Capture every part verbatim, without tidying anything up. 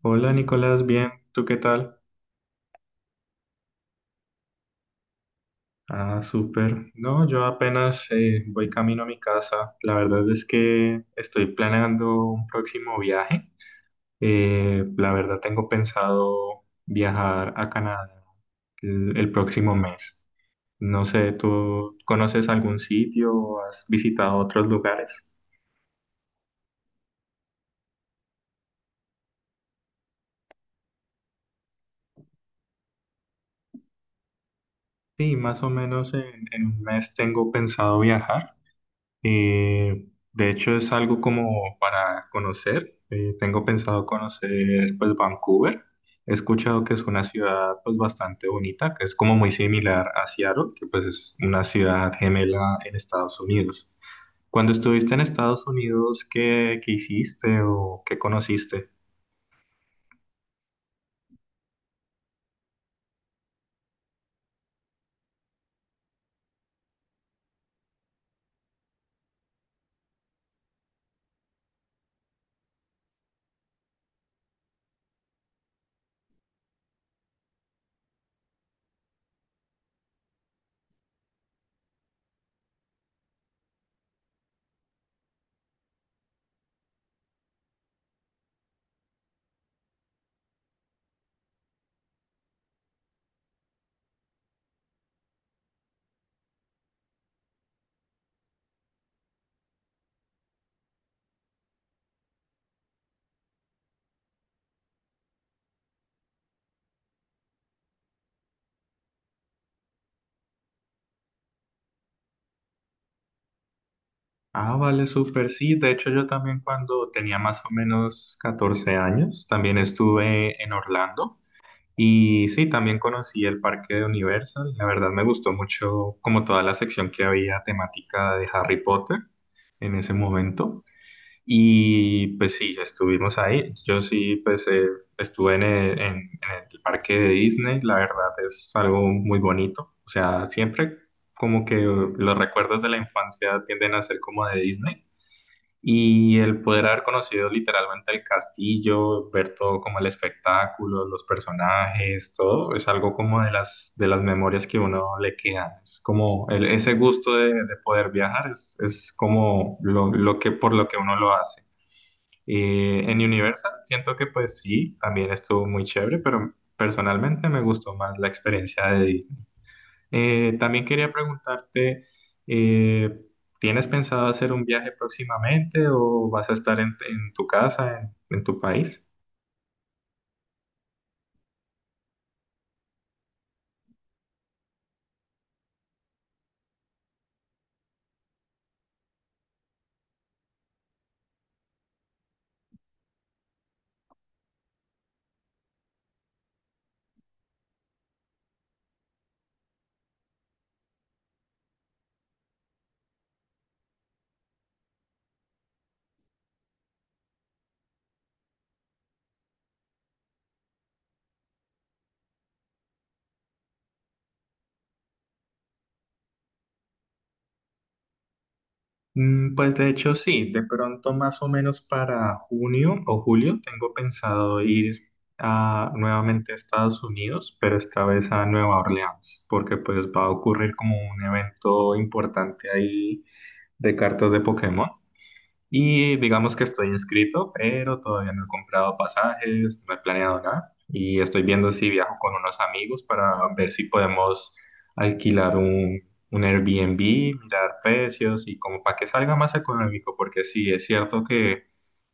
Hola Nicolás, bien, ¿tú qué tal? Ah, súper. No, yo apenas eh, voy camino a mi casa. La verdad es que estoy planeando un próximo viaje. Eh, la verdad tengo pensado viajar a Canadá el, el próximo mes. No sé, ¿tú conoces algún sitio o has visitado otros lugares? Sí, más o menos en, en un mes tengo pensado viajar. Eh, de hecho, es algo como para conocer. Eh, tengo pensado conocer pues Vancouver. He escuchado que es una ciudad pues bastante bonita, que es como muy similar a Seattle, que pues es una ciudad gemela en Estados Unidos. Cuando estuviste en Estados Unidos, ¿qué, qué hiciste o qué conociste? Ah, vale, súper, sí. De hecho, yo también cuando tenía más o menos catorce años, también estuve en Orlando. Y sí, también conocí el parque de Universal. La verdad me gustó mucho como toda la sección que había temática de Harry Potter en ese momento. Y pues sí, estuvimos ahí. Yo sí, pues eh, estuve en el, en- en el parque de Disney. La verdad es algo muy bonito. O sea, siempre como que los recuerdos de la infancia tienden a ser como de Disney. Y el poder haber conocido literalmente el castillo, ver todo como el espectáculo, los personajes, todo, es algo como de las, de las memorias que uno le queda. Es como el- ese gusto de, de poder viajar, es, es como lo, lo que, por lo que uno lo hace. Eh, en Universal siento que pues sí, también estuvo muy chévere, pero personalmente me gustó más la experiencia de Disney. Eh, también quería preguntarte, eh, ¿tienes pensado hacer un viaje próximamente o vas a estar en, en tu casa, en, en tu país? Mm, pues de hecho sí, de pronto más o menos para junio o julio tengo pensado ir a, nuevamente a Estados Unidos, pero esta vez a Nueva Orleans, porque pues va a ocurrir como un evento importante ahí de cartas de Pokémon. Y digamos que estoy inscrito, pero todavía no he comprado pasajes, no he planeado nada. Y estoy viendo si viajo con unos amigos para ver si podemos alquilar un, un Airbnb, mirar precios y como para que salga más económico, porque sí, es cierto que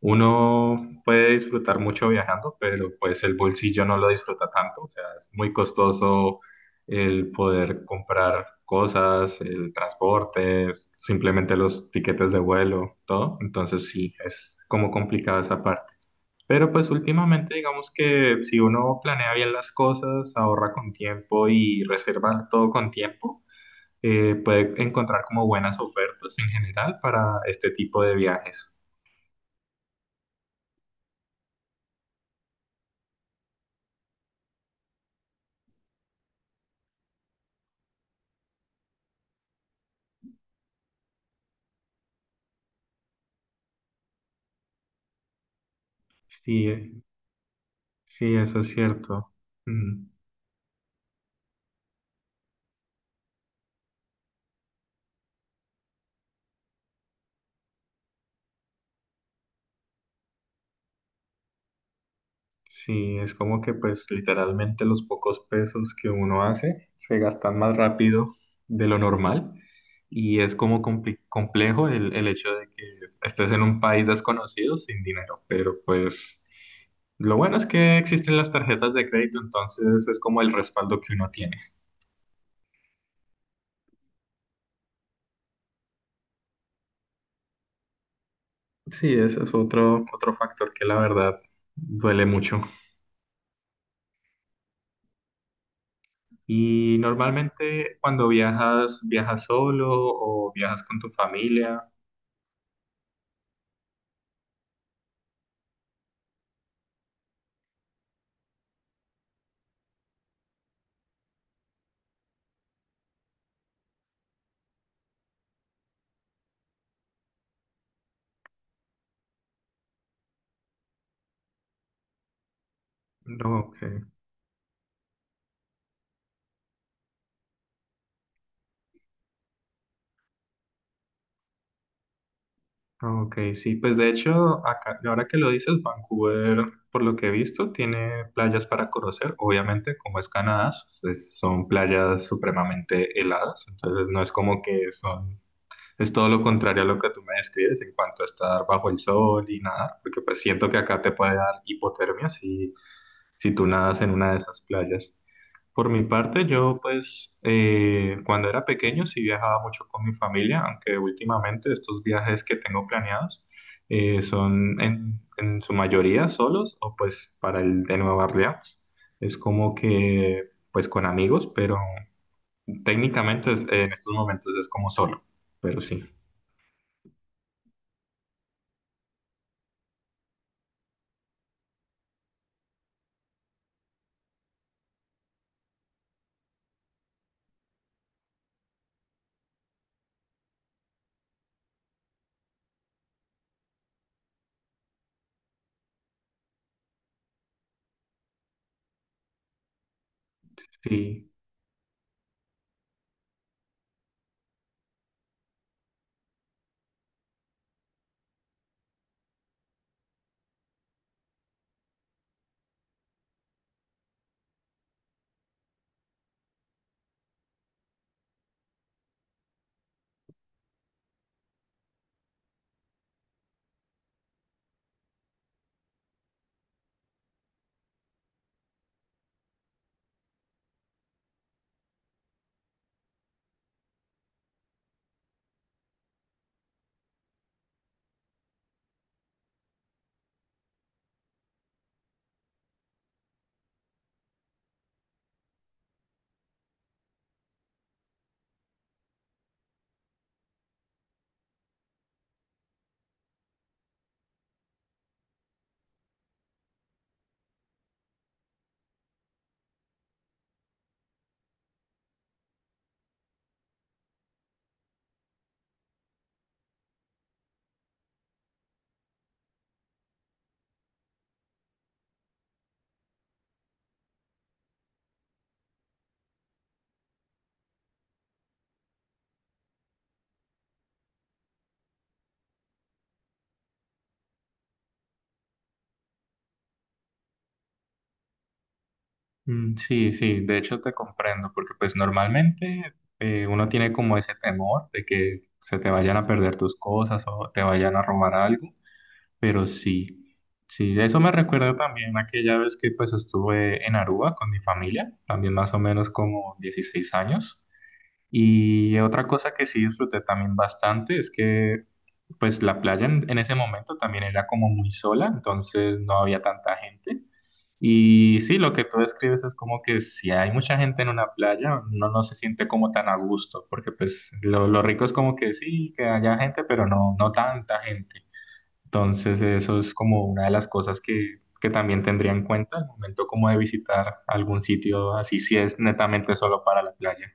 uno puede disfrutar mucho viajando, pero pues el bolsillo no lo disfruta tanto. O sea, es muy costoso el poder comprar cosas, el transporte, simplemente los tiquetes de vuelo, todo. Entonces sí, es como complicada esa parte. Pero pues últimamente digamos que si uno planea bien las cosas, ahorra con tiempo y reserva todo con tiempo, eh, puede encontrar como buenas ofertas en general para este tipo de viajes. Sí, eh, sí, eso es cierto. Mm. Sí, es como que pues literalmente los pocos pesos que uno hace se gastan más rápido de lo normal y es como compli- complejo el, el hecho de que estés en un país desconocido sin dinero, pero pues lo bueno es que existen las tarjetas de crédito, entonces es como el respaldo que uno tiene. Sí, ese es otro, otro factor que la verdad duele mucho. Y normalmente cuando viajas, ¿viajas solo o viajas con tu familia? No, ok. Ah, ok, sí, pues de hecho, acá, ahora que lo dices, Vancouver, por lo que he visto, tiene playas para conocer. Obviamente, como es Canadá, pues, son playas supremamente heladas, entonces no es como que son es todo lo contrario a lo que tú me describes en cuanto a estar bajo el sol y nadar, porque pues siento que acá te puede dar hipotermia si, si tú nadas en una de esas playas. Por mi parte, yo pues eh, cuando era pequeño sí viajaba mucho con mi familia, aunque últimamente estos viajes que tengo planeados eh, son en, en su mayoría solos o pues para el de Nueva Orleans. Es como que pues con amigos, pero técnicamente es- en estos momentos es como solo, pero sí. Sí, mm, sí, sí, de hecho te comprendo, porque pues normalmente eh, uno tiene como ese temor de que se te vayan a perder tus cosas o te vayan a robar algo, pero sí, sí, eso me recuerda también aquella vez que pues estuve en Aruba con mi familia, también más o menos como dieciséis años, y otra cosa que sí disfruté también bastante es que pues la playa en, en ese momento también era como muy sola, entonces no había tanta gente. Y sí, lo que tú describes es como que si hay mucha gente en una playa, uno no se siente como tan a gusto, porque pues lo, lo rico es como que sí, que haya gente, pero no, no tanta gente. Entonces eso es como una de las cosas que, que también tendría en cuenta al momento como de visitar algún sitio, así si es netamente solo para la playa.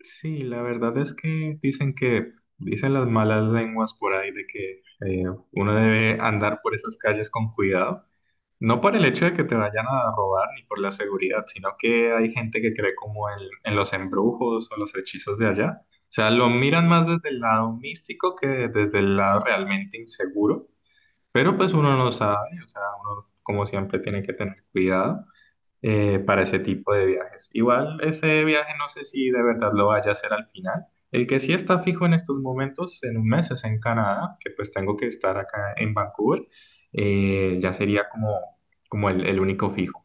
Sí, la verdad es que dicen que, dicen las malas lenguas por ahí de que eh, uno debe andar por esas calles con cuidado, no por el hecho de que te vayan a robar ni por la seguridad, sino que hay gente que cree como en, en los embrujos o los hechizos de allá. O sea, lo miran más desde el lado místico que desde el lado realmente inseguro, pero pues uno no sabe, o sea, uno como siempre tiene que tener cuidado eh, para ese tipo de viajes. Igual ese viaje no sé si de verdad lo vaya a hacer al final. El que sí está fijo en estos momentos, en un mes, es en Canadá, que pues tengo que estar acá en Vancouver. Eh, ya sería como, como el, el único fijo.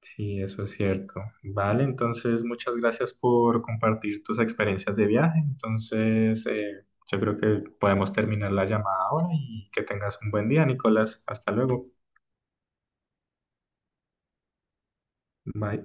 Sí, eso es cierto. Vale, entonces muchas gracias por compartir tus experiencias de viaje. Entonces, eh, yo creo que podemos terminar la llamada ahora y que tengas un buen día, Nicolás. Hasta luego. Bye.